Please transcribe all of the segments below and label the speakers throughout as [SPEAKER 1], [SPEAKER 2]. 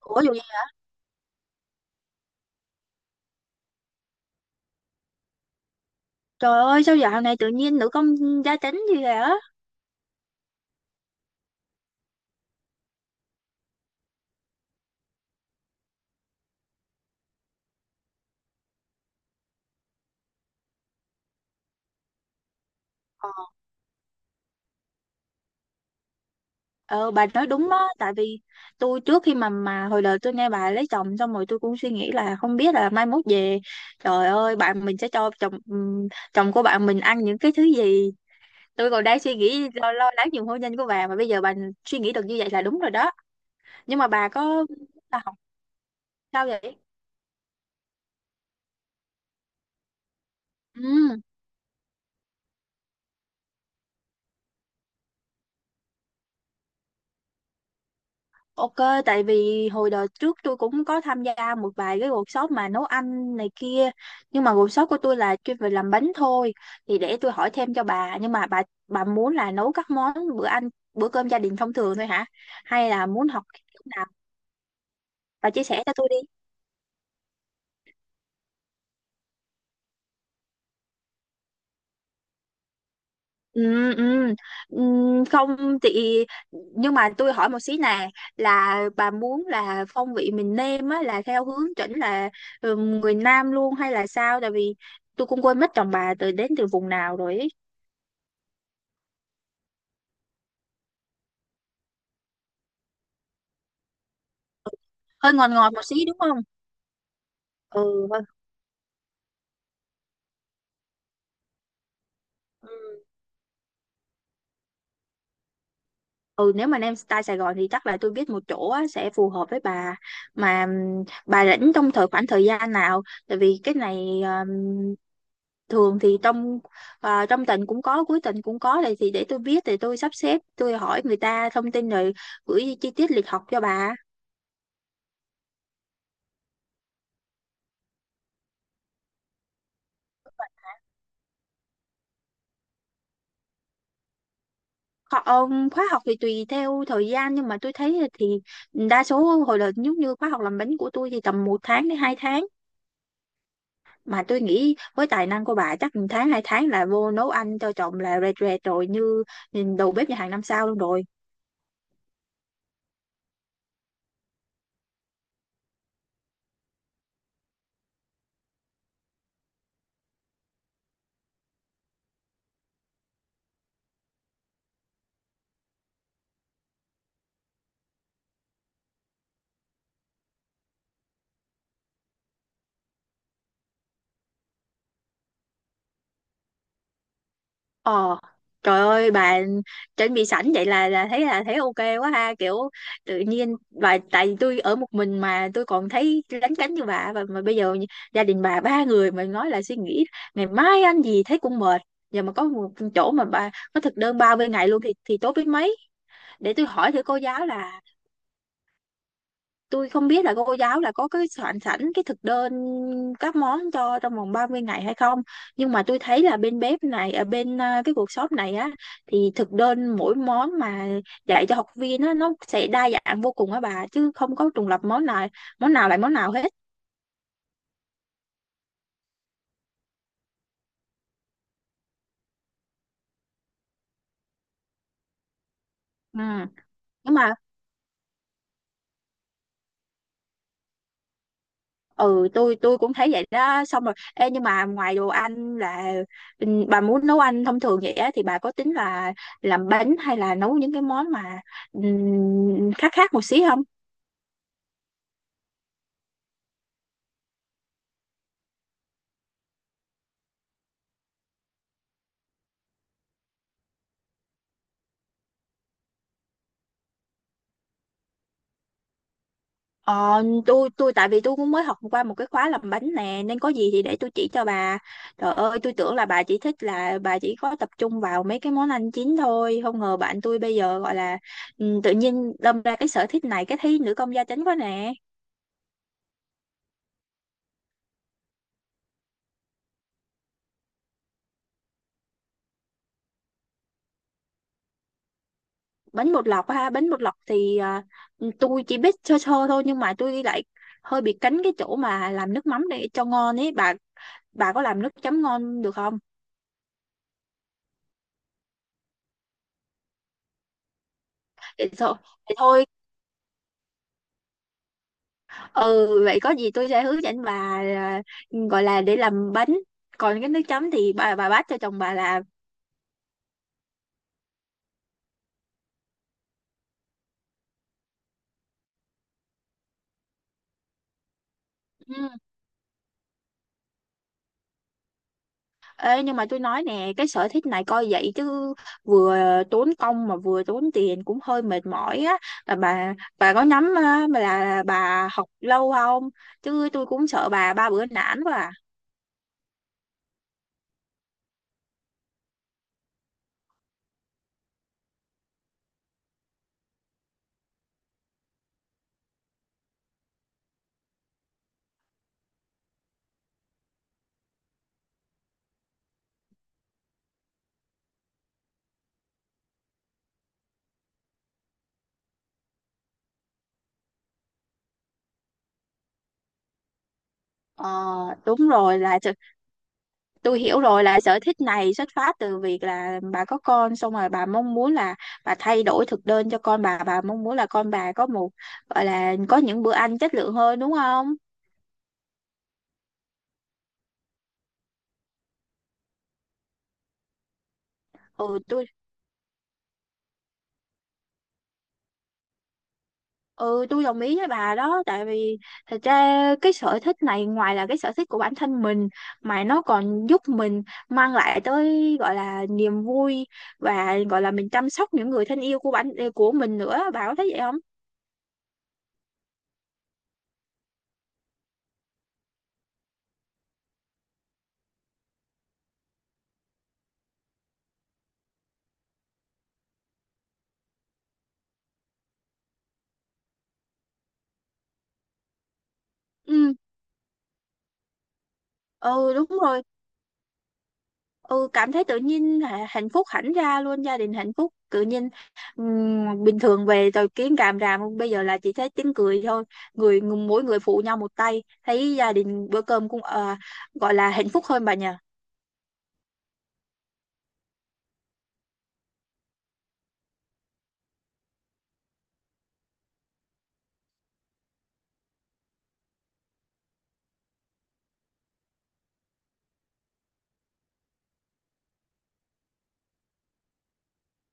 [SPEAKER 1] Ủa dù gì? Trời ơi, sao dạo này tự nhiên nữ công gia chánh gì vậy á? Ờ, ờ, bà nói đúng đó, tại vì tôi trước khi mà hồi đời tôi nghe bà lấy chồng xong rồi tôi cũng suy nghĩ là không biết là mai mốt về, trời ơi, bạn mình sẽ cho chồng chồng của bạn mình ăn những cái thứ gì. Tôi còn đang suy nghĩ lo lo lắng nhiều hôn nhân của bà, mà bây giờ bà suy nghĩ được như vậy là đúng rồi đó. Nhưng mà bà có là học sao vậy? Ừ. Ok, tại vì hồi đợt trước tôi cũng có tham gia một vài cái workshop mà nấu ăn này kia. Nhưng mà workshop của tôi là chuyên về làm bánh thôi. Thì để tôi hỏi thêm cho bà. Nhưng mà bà muốn là nấu các món bữa ăn, bữa cơm gia đình thông thường thôi hả? Hay là muốn học cái kiểu nào? Bà chia sẻ cho tôi đi. Ừ, ừ, ừ, không chị, nhưng mà tôi hỏi một xí nè, là bà muốn là phong vị mình nêm á là theo hướng chỉnh là người nam luôn, hay là sao, tại vì tôi cũng quên mất chồng bà đến từ vùng nào rồi ấy. Hơi ngọt ngọt một xí đúng không? Ừ vâng. Ừ. Ừ, nếu mà Nam Style Sài Gòn thì chắc là tôi biết một chỗ á, sẽ phù hợp với bà. Mà bà rảnh trong khoảng thời gian nào, tại vì cái này thường thì trong tuần cũng có, cuối tuần cũng có, thì để tôi biết thì tôi sắp xếp, tôi hỏi người ta thông tin rồi gửi chi tiết lịch học cho bà. Khóa học thì tùy theo thời gian, nhưng mà tôi thấy thì đa số hồi là giống như khóa học làm bánh của tôi thì tầm 1 tháng đến 2 tháng. Mà tôi nghĩ với tài năng của bà chắc 1 tháng 2 tháng là vô nấu ăn cho chồng là rệt rệt rồi, như nhìn đầu bếp nhà hàng 5 sao luôn rồi. ờ Trời ơi, bà chuẩn bị sẵn vậy là thấy ok quá ha, kiểu tự nhiên bà, tại vì tôi ở một mình mà tôi còn thấy lấn cấn như bà, và mà bây giờ gia đình bà ba người mà, nói là suy nghĩ ngày mai ăn gì thấy cũng mệt. Giờ mà có một chỗ mà bà có thực đơn bao bên ngày luôn thì tốt biết mấy. Để tôi hỏi thử cô giáo là tôi không biết là cô giáo là có cái soạn sẵn cái thực đơn các món cho trong vòng 30 ngày hay không, nhưng mà tôi thấy là bên bếp này ở cái workshop này á thì thực đơn mỗi món mà dạy cho học viên á nó sẽ đa dạng vô cùng á bà, chứ không có trùng lặp món nào lại món nào hết. Ừ. Nhưng mà ừ tôi cũng thấy vậy đó, xong rồi ê, nhưng mà ngoài đồ ăn là bà muốn nấu ăn thông thường vậy á thì bà có tính là làm bánh hay là nấu những cái món mà ừ, khác khác một xí không? Ờ, tôi tại vì tôi cũng mới học qua một cái khóa làm bánh nè, nên có gì thì để tôi chỉ cho bà. Trời ơi, tôi tưởng là bà chỉ thích là bà chỉ có tập trung vào mấy cái món ăn chín thôi, không ngờ bạn tôi bây giờ gọi là tự nhiên đâm ra cái sở thích này cái thấy nữ công gia chánh quá nè. Bánh bột lọc ha, bánh bột lọc thì tôi chỉ biết sơ sơ thôi, nhưng mà tôi lại hơi bị cánh cái chỗ mà làm nước mắm để cho ngon ấy. Bà có làm nước chấm ngon được không? Để thôi, để thôi, ừ vậy có gì tôi sẽ hướng dẫn bà à, gọi là để làm bánh, còn cái nước chấm thì bà bắt cho chồng bà làm. Ừ. Ê, nhưng mà tôi nói nè, cái sở thích này coi vậy chứ vừa tốn công mà vừa tốn tiền cũng hơi mệt mỏi á, là bà có nhắm á, mà là bà học lâu không, chứ tôi cũng sợ bà ba bữa nản quá à. Ờ đúng rồi, là tôi hiểu rồi là sở thích này xuất phát từ việc là bà có con xong rồi bà mong muốn là bà thay đổi thực đơn cho con bà mong muốn là con bà có một gọi là có những bữa ăn chất lượng hơn, đúng không? Ừ tôi ừ tôi đồng ý với bà đó, tại vì thật ra cái sở thích này ngoài là cái sở thích của bản thân mình mà nó còn giúp mình mang lại tới gọi là niềm vui, và gọi là mình chăm sóc những người thân yêu của bản của mình nữa, bà có thấy vậy không? Ừ, ừ đúng rồi. Ừ, cảm thấy tự nhiên hạnh phúc hẳn ra luôn, gia đình hạnh phúc tự nhiên, bình thường về rồi kiến càm ràm, bây giờ là chỉ thấy tiếng cười thôi, người mỗi người phụ nhau một tay, thấy gia đình bữa cơm cũng gọi là hạnh phúc hơn bà nhỉ.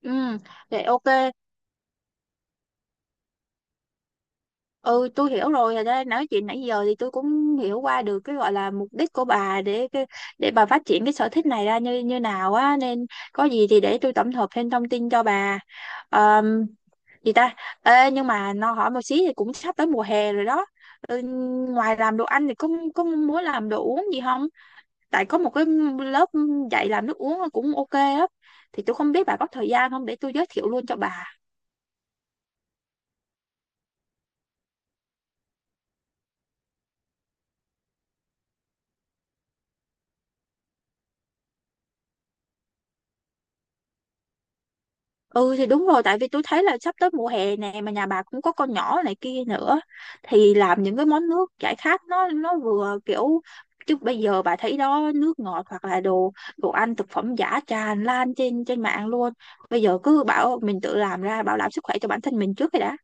[SPEAKER 1] Ừ vậy ok. Ừ tôi hiểu rồi. Thật ra nói chuyện nãy giờ thì tôi cũng hiểu qua được cái gọi là mục đích của bà để để bà phát triển cái sở thích này ra như như nào á, nên có gì thì để tôi tổng hợp thêm thông tin cho bà. Gì ta? Ê, nhưng mà nó hỏi một xí, thì cũng sắp tới mùa hè rồi đó. Ừ, ngoài làm đồ ăn thì có muốn làm đồ uống gì không, tại có một cái lớp dạy làm nước uống cũng ok á, thì tôi không biết bà có thời gian không để tôi giới thiệu luôn cho bà. Ừ thì đúng rồi, tại vì tôi thấy là sắp tới mùa hè nè mà nhà bà cũng có con nhỏ này kia nữa, thì làm những cái món nước giải khát, nó vừa kiểu, chứ bây giờ bà thấy đó, nước ngọt hoặc là đồ đồ ăn thực phẩm giả tràn lan trên trên mạng luôn, bây giờ cứ bảo mình tự làm ra bảo đảm sức khỏe cho bản thân mình trước rồi đã.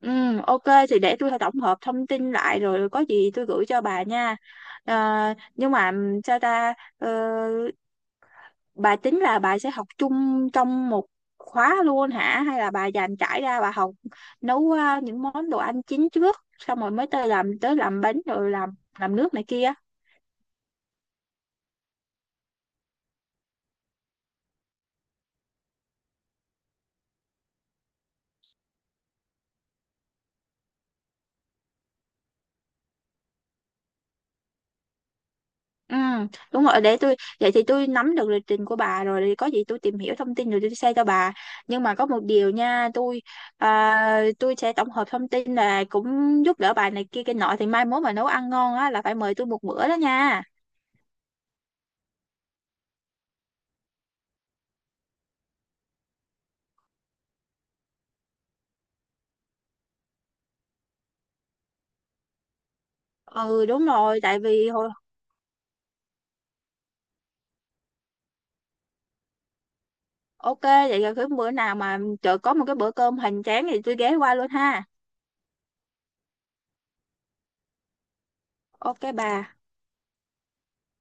[SPEAKER 1] Ừ ok, thì để tôi tổng hợp thông tin lại rồi có gì tôi gửi cho bà nha. Ờ, nhưng mà sao ta? Ờ, bà tính là bà sẽ học chung trong một khóa luôn hả, hay là bà dành trải ra bà học nấu những món đồ ăn chính trước xong rồi mới tới làm bánh rồi làm nước này kia. Ừ đúng rồi, để tôi vậy thì tôi nắm được lịch trình của bà rồi thì có gì tôi tìm hiểu thông tin rồi tôi share cho bà. Nhưng mà có một điều nha tôi, tôi sẽ tổng hợp thông tin là cũng giúp đỡ bà này kia cái nọ thì mai mốt mà nấu ăn ngon á là phải mời tôi một bữa đó nha. Ừ đúng rồi tại vì hồi. Ok, vậy là cái bữa nào mà chợ có một cái bữa cơm hoành tráng thì tôi ghé qua luôn ha. Ok bà.